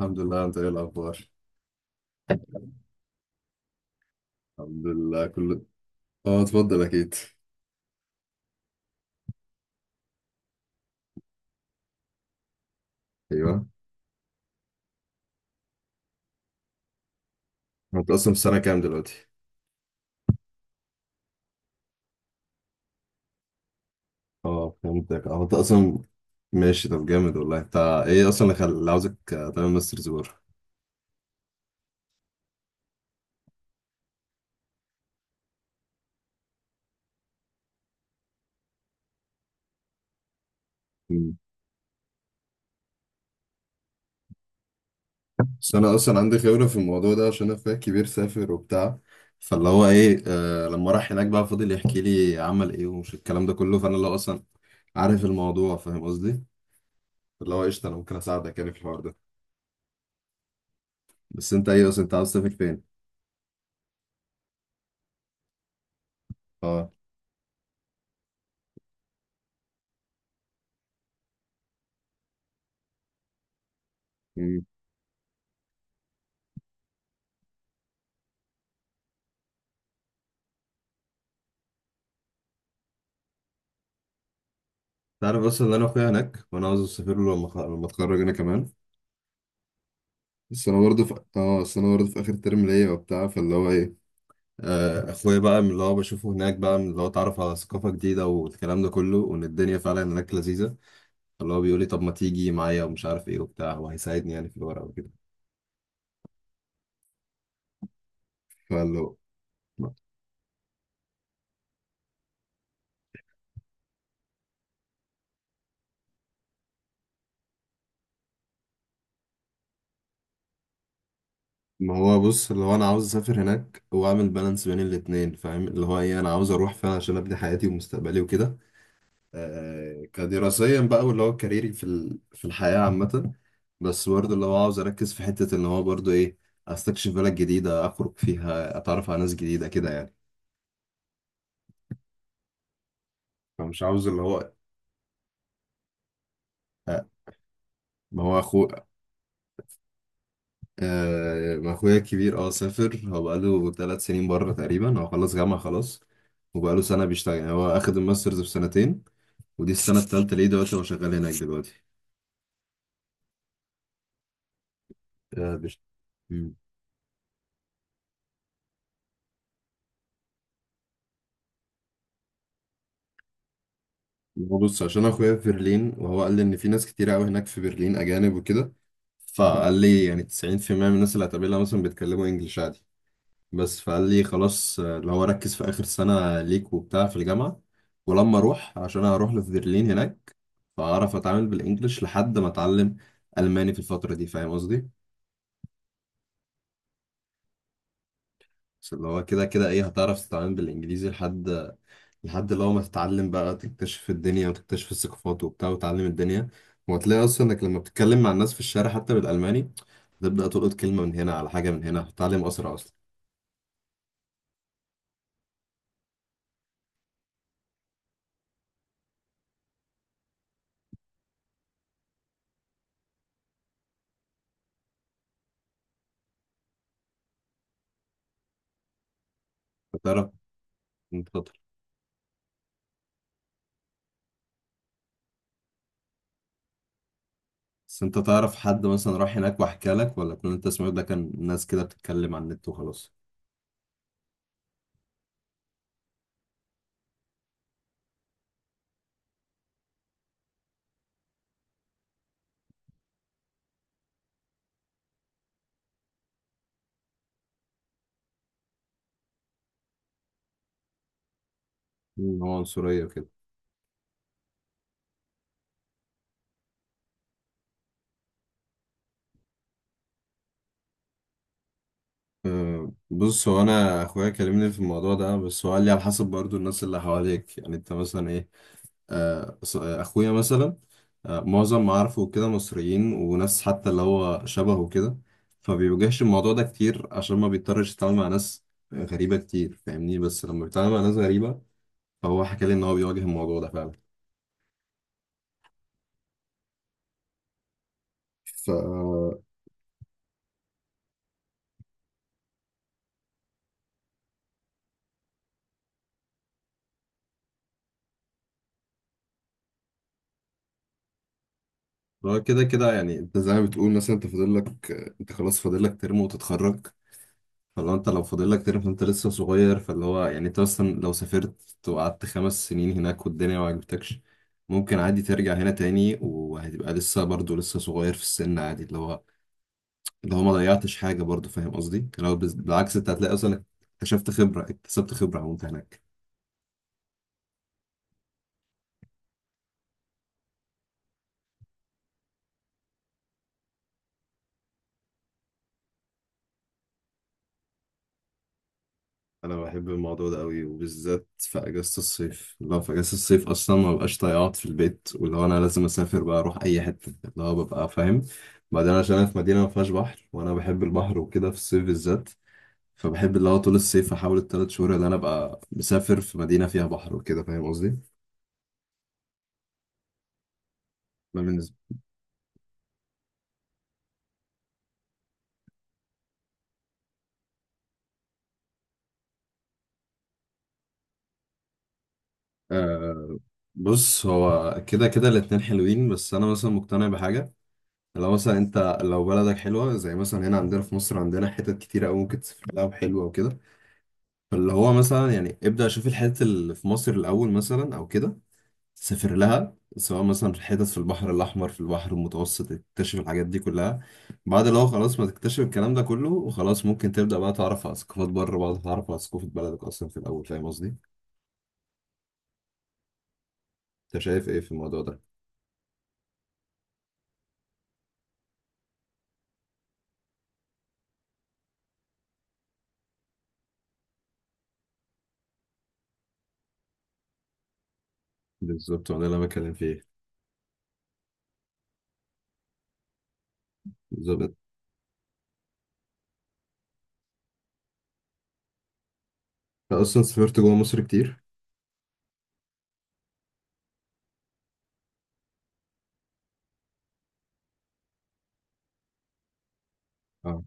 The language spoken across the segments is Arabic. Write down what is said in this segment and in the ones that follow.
الحمد لله، انت ايه الاخبار؟ الحمد لله كله. اه، اتفضل اكيد. ايوه، هو انت اصلا في سنه كام دلوقتي؟ اه فهمتك، اه انت اصلا. ماشي، طب جامد والله انت. ايه اصلا اللي عاوزك تعمل ماسترز بره؟ مم. بس انا اصلا عندي خبره في الموضوع ده عشان انا اخويا الكبير سافر وبتاع، فاللي هو ايه، لما راح هناك بقى فضل يحكي لي عمل ايه ومش الكلام ده كله، فانا اللي هو اصلا عارف الموضوع فاهم قصدي. اللي هو قشطه، انا ممكن اساعدك يعني في الحوار ده. بس انت ايه اصلا، انت عاوز تسافر فين؟ اه، تعرف اصلا ان انا اخويا هناك وانا عاوز اسافر له لما اتخرج انا كمان. بس انا برضه في اخر ترم ليا وبتاع، فاللي هو ايه، اخويا بقى من اللي هو بشوفه هناك، بقى من اللي هو اتعرف على ثقافه جديده والكلام ده كله، وان الدنيا فعلا هناك لذيذه. فاللي هو بيقول لي طب ما تيجي معايا ومش عارف ايه وبتاع، وهيساعدني يعني في الورق وكده. فاللي هو، ما هو بص، اللي هو انا عاوز اسافر هناك واعمل بالانس بين الاتنين، فاهم اللي هو ايه، انا عاوز اروح فعلا عشان ابني حياتي ومستقبلي وكده، كدراسيا بقى، واللي هو كاريري في الحياة عامة. بس برضه اللي هو عاوز أركز في حتة إن هو برضه إيه، أستكشف بلد جديدة، أخرج فيها، أتعرف على ناس جديدة كده يعني. فمش عاوز اللي هو، آه، ما هو أخو ما أخويا الكبير سافر، هو بقاله 3 سنين بره تقريبا. هو خلص جامعة خلاص، وبقاله سنة بيشتغل، يعني هو أخد الماسترز في سنتين، ودي السنة التالتة ليه دلوقتي، هو شغال هناك دلوقتي. آه، بيشت- بص، عشان اخويا في برلين، وهو قال لي ان في ناس كتير قوي هناك في برلين اجانب وكده، فقال لي يعني 90% من الناس اللي هتقابلها مثلا بيتكلموا انجلش عادي. بس فقال لي خلاص، اللي هو ركز في اخر سنة ليك وبتاع في الجامعة، ولما اروح، عشان أنا هروح في برلين هناك، فاعرف اتعامل بالانجلش لحد ما اتعلم الماني في الفترة دي، فاهم قصدي. بس اللي هو كده كده ايه، هتعرف تتعامل بالانجليزي لحد اللي هو ما تتعلم بقى، تكتشف الدنيا وتكتشف الثقافات وبتاع وتعلم الدنيا، وهتلاقي اصلا انك لما بتتكلم مع الناس في الشارع حتى بالالماني، تبدا تلقط كلمه من هنا على حاجه من هنا، هتتعلم اسرع اصلا. هتعرف، انت شاطر. بس انت تعرف حد مثلا راح هناك وحكى لك، ولا كل اللي انت سمعته ده كان ناس كده بتتكلم على النت وخلاص؟ إن هو عنصريه وكده. بص، هو انا اخويا كلمني في الموضوع ده، بس هو قال لي على حسب برضو الناس اللي حواليك، يعني انت مثلا ايه، اخويا مثلا، معظم معارفه كده مصريين وناس حتى اللي هو شبهه كده، فبيواجهش الموضوع ده كتير، عشان ما بيضطرش يتعامل مع ناس غريبة كتير، فاهمني، بس لما بيتعامل مع ناس غريبة، فهو حكى لي ان هو بيواجه الموضوع ده فعلا. ف هو كده كده يعني، انت زي ما بتقول مثلا، انت فاضل لك، انت خلاص فاضل لك ترم وتتخرج، فلو انت لو فاضل لك تاني فانت لسه صغير، فاللي هو يعني انت اصلا لو سافرت وقعدت 5 سنين هناك والدنيا ما عجبتكش، ممكن عادي ترجع هنا تاني، وهتبقى لسه برضه لسه صغير في السن عادي، اللي هو ما ضيعتش حاجة برضه، فاهم قصدي؟ بالعكس، انت هتلاقي اصلا اكتشفت خبرة، اكتسبت خبرة وانت هناك. انا بحب الموضوع ده قوي، وبالذات في اجازه الصيف، لو في اجازه الصيف اصلا ما ببقاش طايق اقعد في البيت، واللي هو انا لازم اسافر بقى، اروح اي حته اللي هو، ببقى فاهم. بعدين عشان انا في مدينه ما فيهاش بحر، وانا بحب البحر وكده في الصيف بالذات، فبحب اللي هو طول الصيف احاول الثلاث شهور اللي انا ابقى مسافر في مدينه فيها بحر وكده، فاهم قصدي. ده بالنسبه. آه بص، هو كده كده الاتنين حلوين، بس انا مثلا مقتنع بحاجه، لو مثلا انت لو بلدك حلوه، زي مثلا هنا عندنا في مصر عندنا حتت كتيره قوي ممكن تسافر لها وحلوه وكده، فاللي هو مثلا يعني ابدأ شوف الحتت اللي في مصر الأول مثلا أو كده، سافر لها، سواء مثلا في الحتت في البحر الأحمر في البحر المتوسط، تكتشف الحاجات دي كلها. بعد لو خلاص ما تكتشف الكلام ده كله وخلاص، ممكن تبدأ بقى تعرف على ثقافات بره، بعد تعرف على ثقافة بلدك أصلا في الأول، فاهم قصدي؟ أنت شايف إيه في الموضوع ده؟ بالظبط، وأنا اللي أنا بتكلم فيه. بالظبط. أنت أصلا سافرت جوه مصر كتير؟ اه.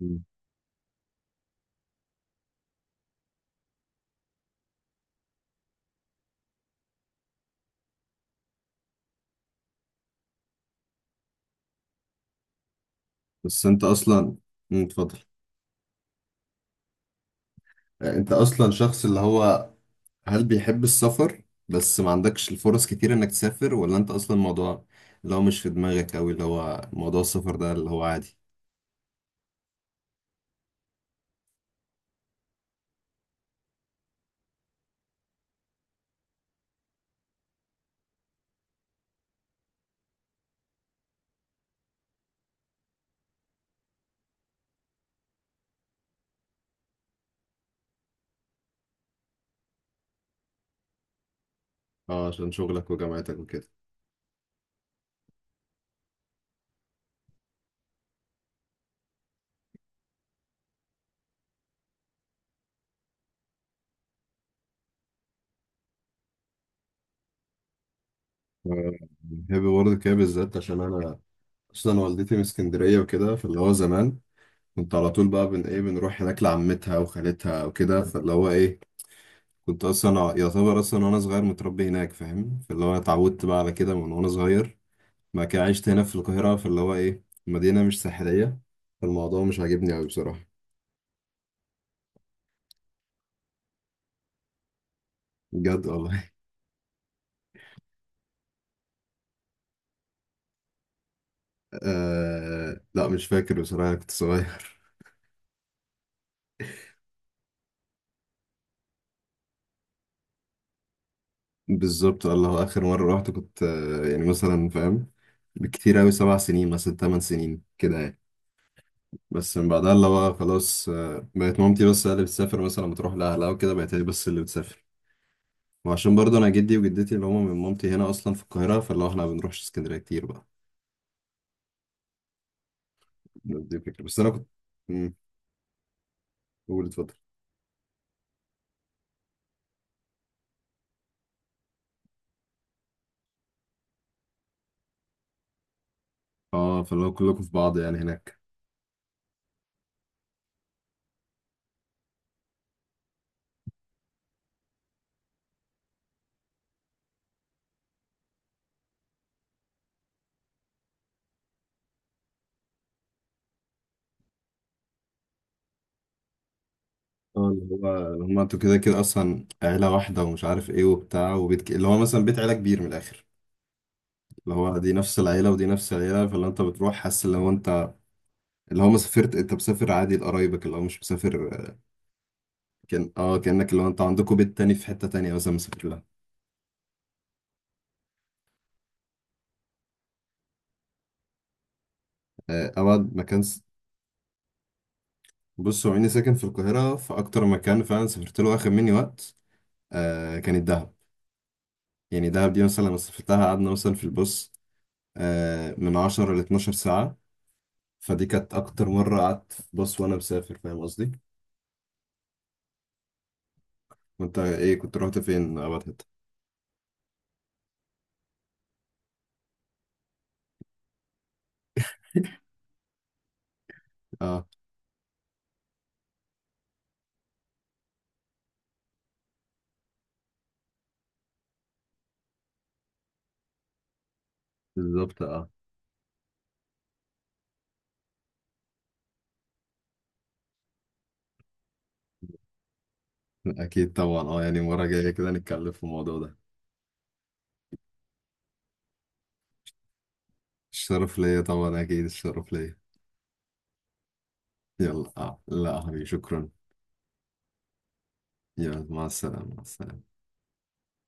مم. بس أنت أصلا. مم، اتفضل. أنت أصلا شخص اللي هو، هل بيحب السفر بس ما عندكش الفرص كتير انك تسافر، ولا انت اصلا الموضوع اللي هو مش في دماغك اوي، اللي هو موضوع السفر ده اللي هو عادي؟ اه، عشان شغلك وجامعتك وكده. آه، بحب برضه كده بالذات، عشان انا اصلا والدتي من اسكندرية وكده، فاللي هو زمان كنت على طول بقى بن ايه بنروح هناك لعمتها وخالتها وكده، فاللي هو ايه، كنت اصلا يعتبر اصلا وانا صغير متربي هناك، فاهم، فاللي هو أنا اتعودت بقى على كده من وانا صغير. ما كان عشت هنا في القاهرة، فاللي هو إيه، مدينة مش ساحلية، فالموضوع مش عاجبني أوي بصراحة. بجد والله. لا مش فاكر بصراحة، كنت صغير. بالظبط والله، آخر مرة رحت كنت يعني مثلا فاهم، بكتير أوي، 7 سنين مثلا 8 سنين كده يعني. بس من بعدها اللي هو خلاص، بقت مامتي بس هي اللي بتسافر، مثلا بتروح لأهلها وكده، بقت هي بس اللي بتسافر. وعشان برضه أنا جدي وجدتي اللي هما من مامتي هنا أصلا في القاهرة، فاللي هو إحنا ما بنروحش اسكندرية كتير بقى. دي الفكرة، بس أنا كنت. مم، قول اتفضل. اه، فلو كلكم في بعض يعني هناك. اه، اللي هو اللي هما انتوا كده كده اصلا عيلة واحدة ومش عارف ايه وبتاع، اللي هو مثلا بيت عيلة كبير من الاخر. اللي هو دي نفس العيلة ودي نفس العيلة، فاللي انت بتروح حاسس اللي هو انت، اللي هو ما سافرت، انت مسافر عادي لقرايبك، اللي هو مش مسافر، كان كأنك اللي هو انت عندكم بيت تاني في حتة تانية مثلا مسافر لها. آه، ابعد مكان س... بص، هو اني ساكن في القاهرة، فاكتر مكان فعلا سافرت له واخد مني وقت، كانت دهب. يعني دهب دي مثلا لما سافرتها قعدنا مثلا في البص من 10 ل 12 ساعة. فدي كانت أكتر مرة قعدت في باص وأنا مسافر، فاهم قصدي؟ وأنت إيه كنت رحت فين أبعد حتة؟ أه. بالظبط أه. أكيد طبعا، يعني مرة جاية كده نتكلم في الموضوع ده. الشرف ليا طبعا، أكيد الشرف ليا. يلا، لا يا حبيبي شكرا. يلا مع السلامة، مع السلامة.